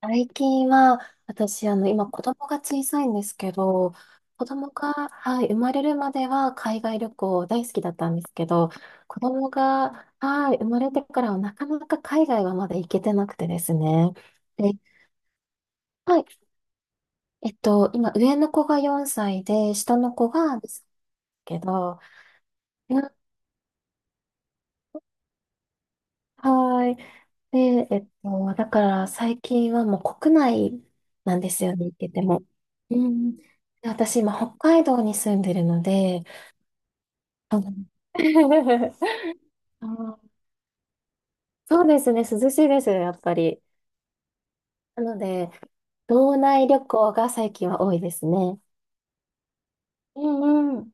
最近は、私、今、子供が小さいんですけど、子供が、はい、生まれるまでは海外旅行大好きだったんですけど、子供が、はい、生まれてからはなかなか海外はまだ行けてなくてですね。で、はい、今、上の子が4歳で、下の子がですけど、なはい。で、だから最近はもう国内なんですよね、行ってても。うん。で私、今、北海道に住んでるので、あの あーそうですね、涼しいですよ、やっぱり。なので、道内旅行が最近は多いですね。うんうん。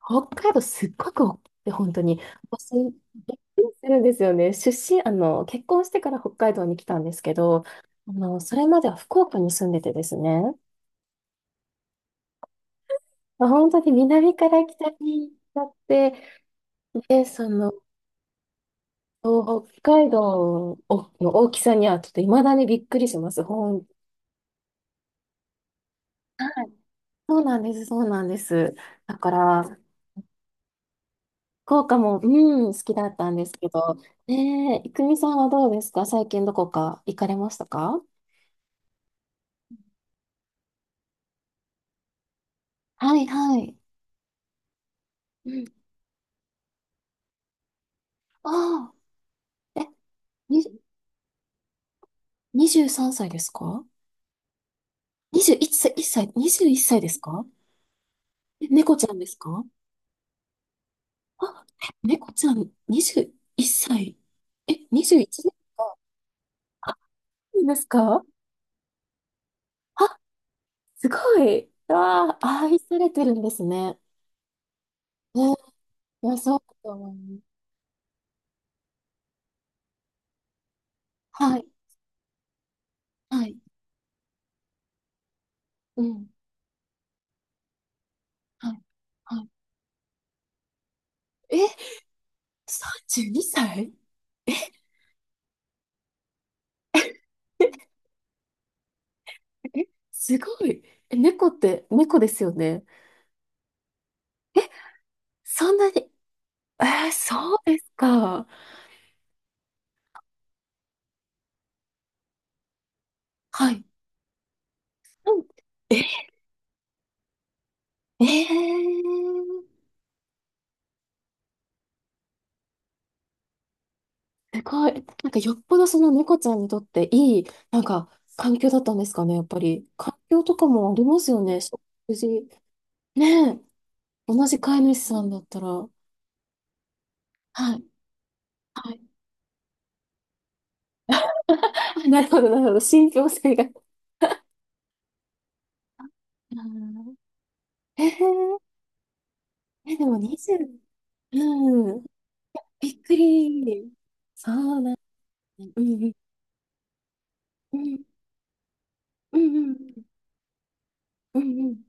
北海道すっごく多くて、本当に。私、びっくりするんですよね。出身、結婚してから北海道に来たんですけど、それまでは福岡に住んでてですね。本当に南から北に行っちゃって、で、その、北海道の大きさにはちょっと未だにびっくりします。ほん、はい。そうなんです、そうなんです。だから、福岡も、うん、好きだったんですけど、ねえ、いくみさんはどうですか？最近どこか行かれましたか？はいはい。うん。ああ、え、に、23歳ですか？ 21 歳、1歳、21歳ですか？え、猫ちゃんですか？あ、え、猫ちゃん、21歳。え、21年、あ、そうんですか？あ、すごい。わあ、愛されてるんですね。え、いや、そうだと思います。はい、はい、うん、はい、はい。え、32歳？え、え、すごい。え、猫って、猫ですよね。え、そんなに、えーそうですか。はい。うん。え、えーすごい。なんかよっぽどその猫ちゃんにとっていい、なんか環境だったんですかね、やっぱり。環境とかもありますよね、食事。ねえ、同じ飼い主さんだったら。はい。はい。なるほど、なるほど。信憑性が。うん。えー、え、でも20、うん。びっくり。そうなんだ。うん、うん、うん、うん、うん、うん。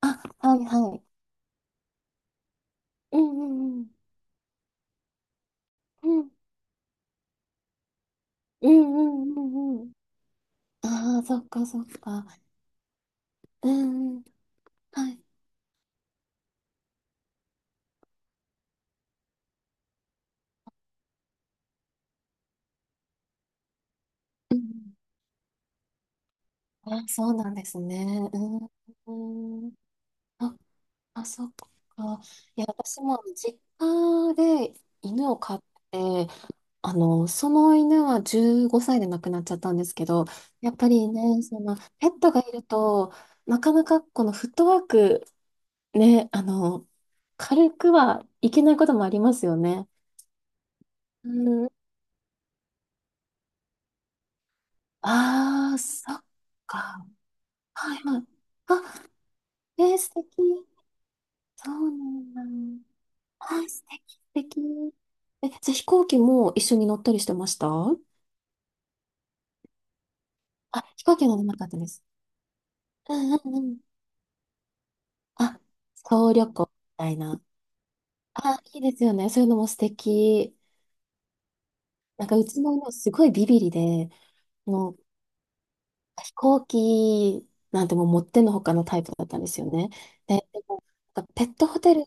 あ、はい、はい。うん、うん、うん、うん、うん、うん、うん。ああ、そっかそっか。うん、はい。うん。あ、そうなんですね。うん。うん。あ、あ、そっか。いや、私も実家で犬を飼って、その犬は15歳で亡くなっちゃったんですけど、やっぱりね、その、ペットがいると、なかなかこのフットワーク、ね、軽くはいけないこともありますよね。うん。ああ、そっか。はいはい。あ、えー、素敵。そうなんだ。あ、素敵、素敵。え、じゃあ飛行機も一緒に乗ったりしてました？あ、飛行機乗れなかったです。うんうんうん。あ、総旅行みたいな。あ、いいですよね。そういうのも素敵。なんかうちの犬すごいビビリで、もう飛行機なんてもう持ってんのほかのタイプだったんですよね。で、でもなんかペットホテル、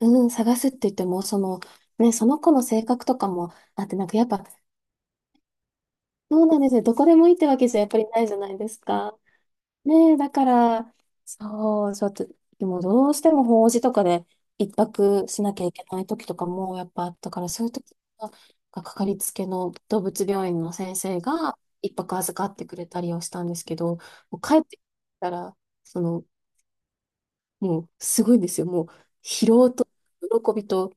うん、探すって言っても、その、ね、その子の性格とかもあって、なんかやっぱそうなんですね。どこでもいいってわけじゃやっぱりないじゃないですか。ねえ、だから、そう、ちょっとでもどうしても法事とかで一泊しなきゃいけない時とかもやっぱあったから、そういう時は、かかりつけの動物病院の先生が一泊預かってくれたりをしたんですけど、もう帰ってきたら、その、もうすごいんですよ。もう疲労と喜びと、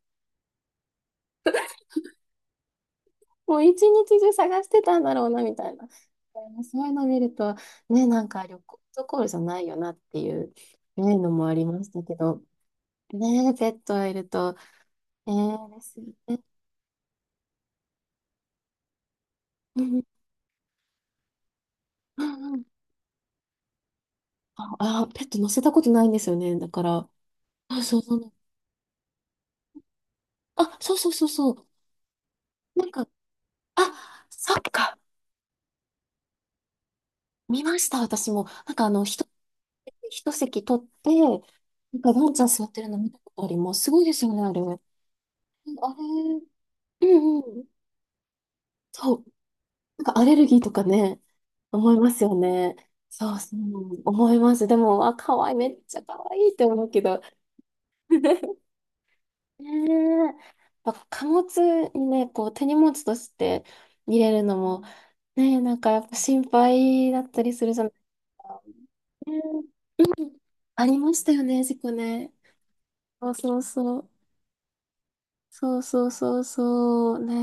もう一日中探してたんだろうな、みたいな。そういうの見ると、ね、なんか旅行どころじゃないよなっていう、ね、のもありましたけど、ね、ペットがいると、えー、ですよね。うんうんうん。あ、あ、ペット乗せたことないんですよね。だから、あ、そうそう。あ、そうそうそうそう。なんか、あ、そっか。見ました、私も。なんか一一席取って、なんかワンちゃん座ってるの見たことあります。すごいですよね、あれ。あれ、うんうん。そう、なんかアレルギーとかね、思いますよね。そうそう、思います。でも、あ、可愛い、めっちゃ可愛いって思うけど。ねえ、やっぱ貨物にね、こう手荷物として入れるのも、ねえ、なんかやっぱ心配だったりするじゃないですか。ねえ、ありましたよね、事故ね。そうそうそう。そうそうそうそう。ね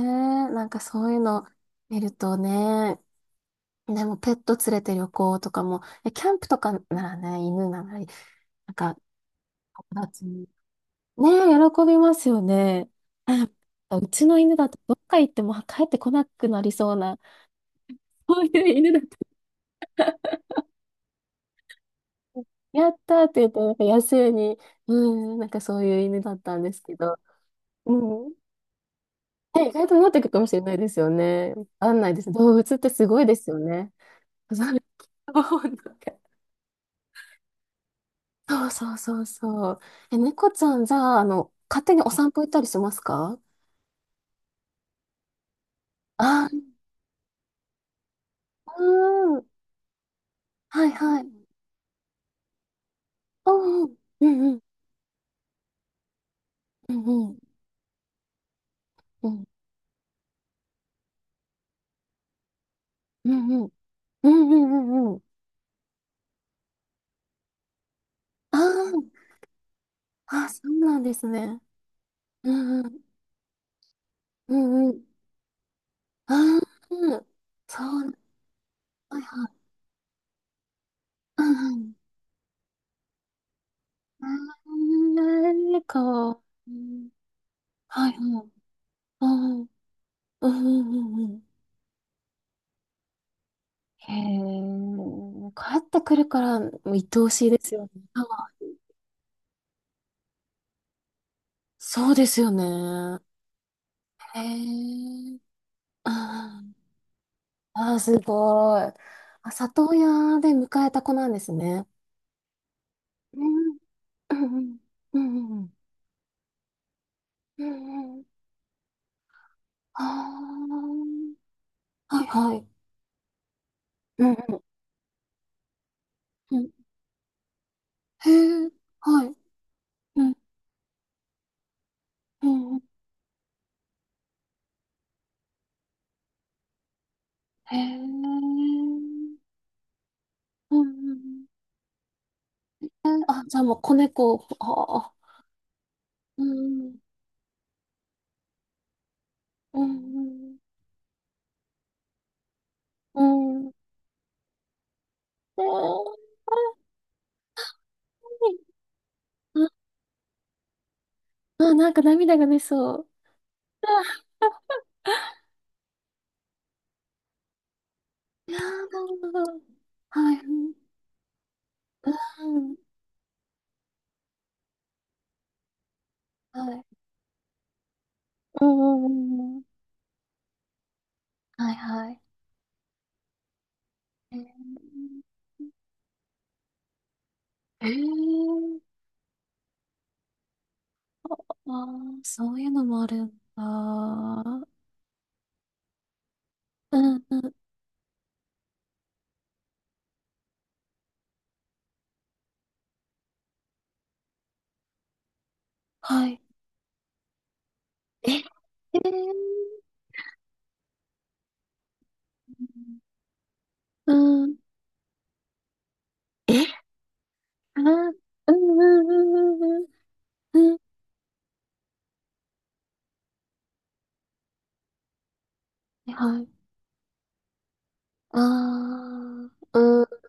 え、なんかそういうの見るとね、でもペット連れて旅行とかも、えキャンプとかならね、犬なら、なんか、友達に。ねえ、喜びますよね。あ、うちの犬だとどっか行っても帰ってこなくなりそうな、そういう犬だった。やったーって言って、なんか野生に、うん、なんかそういう犬だったんですけど。うん。ね、意外となっていくかもしれないですよね。わかんないです。動物ってすごいですよね。そう。 そうそうそうそう。え、猫ちゃん、じゃあ、勝手にお散歩行ったりしますか？あうん。はいはい。うんうん。うんうん。うんうん。うんうん。うんうんうんうん。ああ、あ、そうなんですね。うんうん。うんうん。ああ、そう。はいはい。うんうん。ああ、か。うん。はいはい。うんうんうんうん。へえ、帰ってくるからもう愛おしいですよね。そうですよね。へえ、あー、あー、すごい。あ、里親で迎えた子なんですね。うんうんうんうんうんうん。ああ、はいはい。うんうんうん。へえ、はい。うんうんうん。へえ、うんうんうん。えあ、じゃあもう子猫、ああ、うんうんうん。うん。あー、はい。あ、あ、なんか涙が出そう。あ、いやー、なるほど。はい。うん。はい。うんうんうんうん。はいはい。えー、えー、あー、そういうのもあるんだ。うんうん。はい。え、えー、うん。え、あー、うんうんうんうんうん。うん。はい。あー、うん。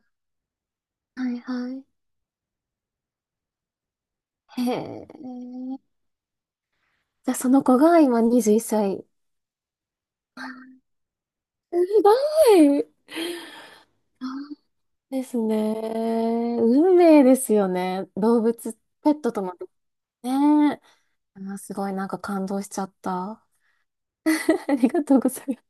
はいはい。へえ。じゃあその子が今21歳。すごい。そうですね。運命ですよね。動物、ペットとも。ねえ。あーすごいなんか感動しちゃった。ありがとうございます。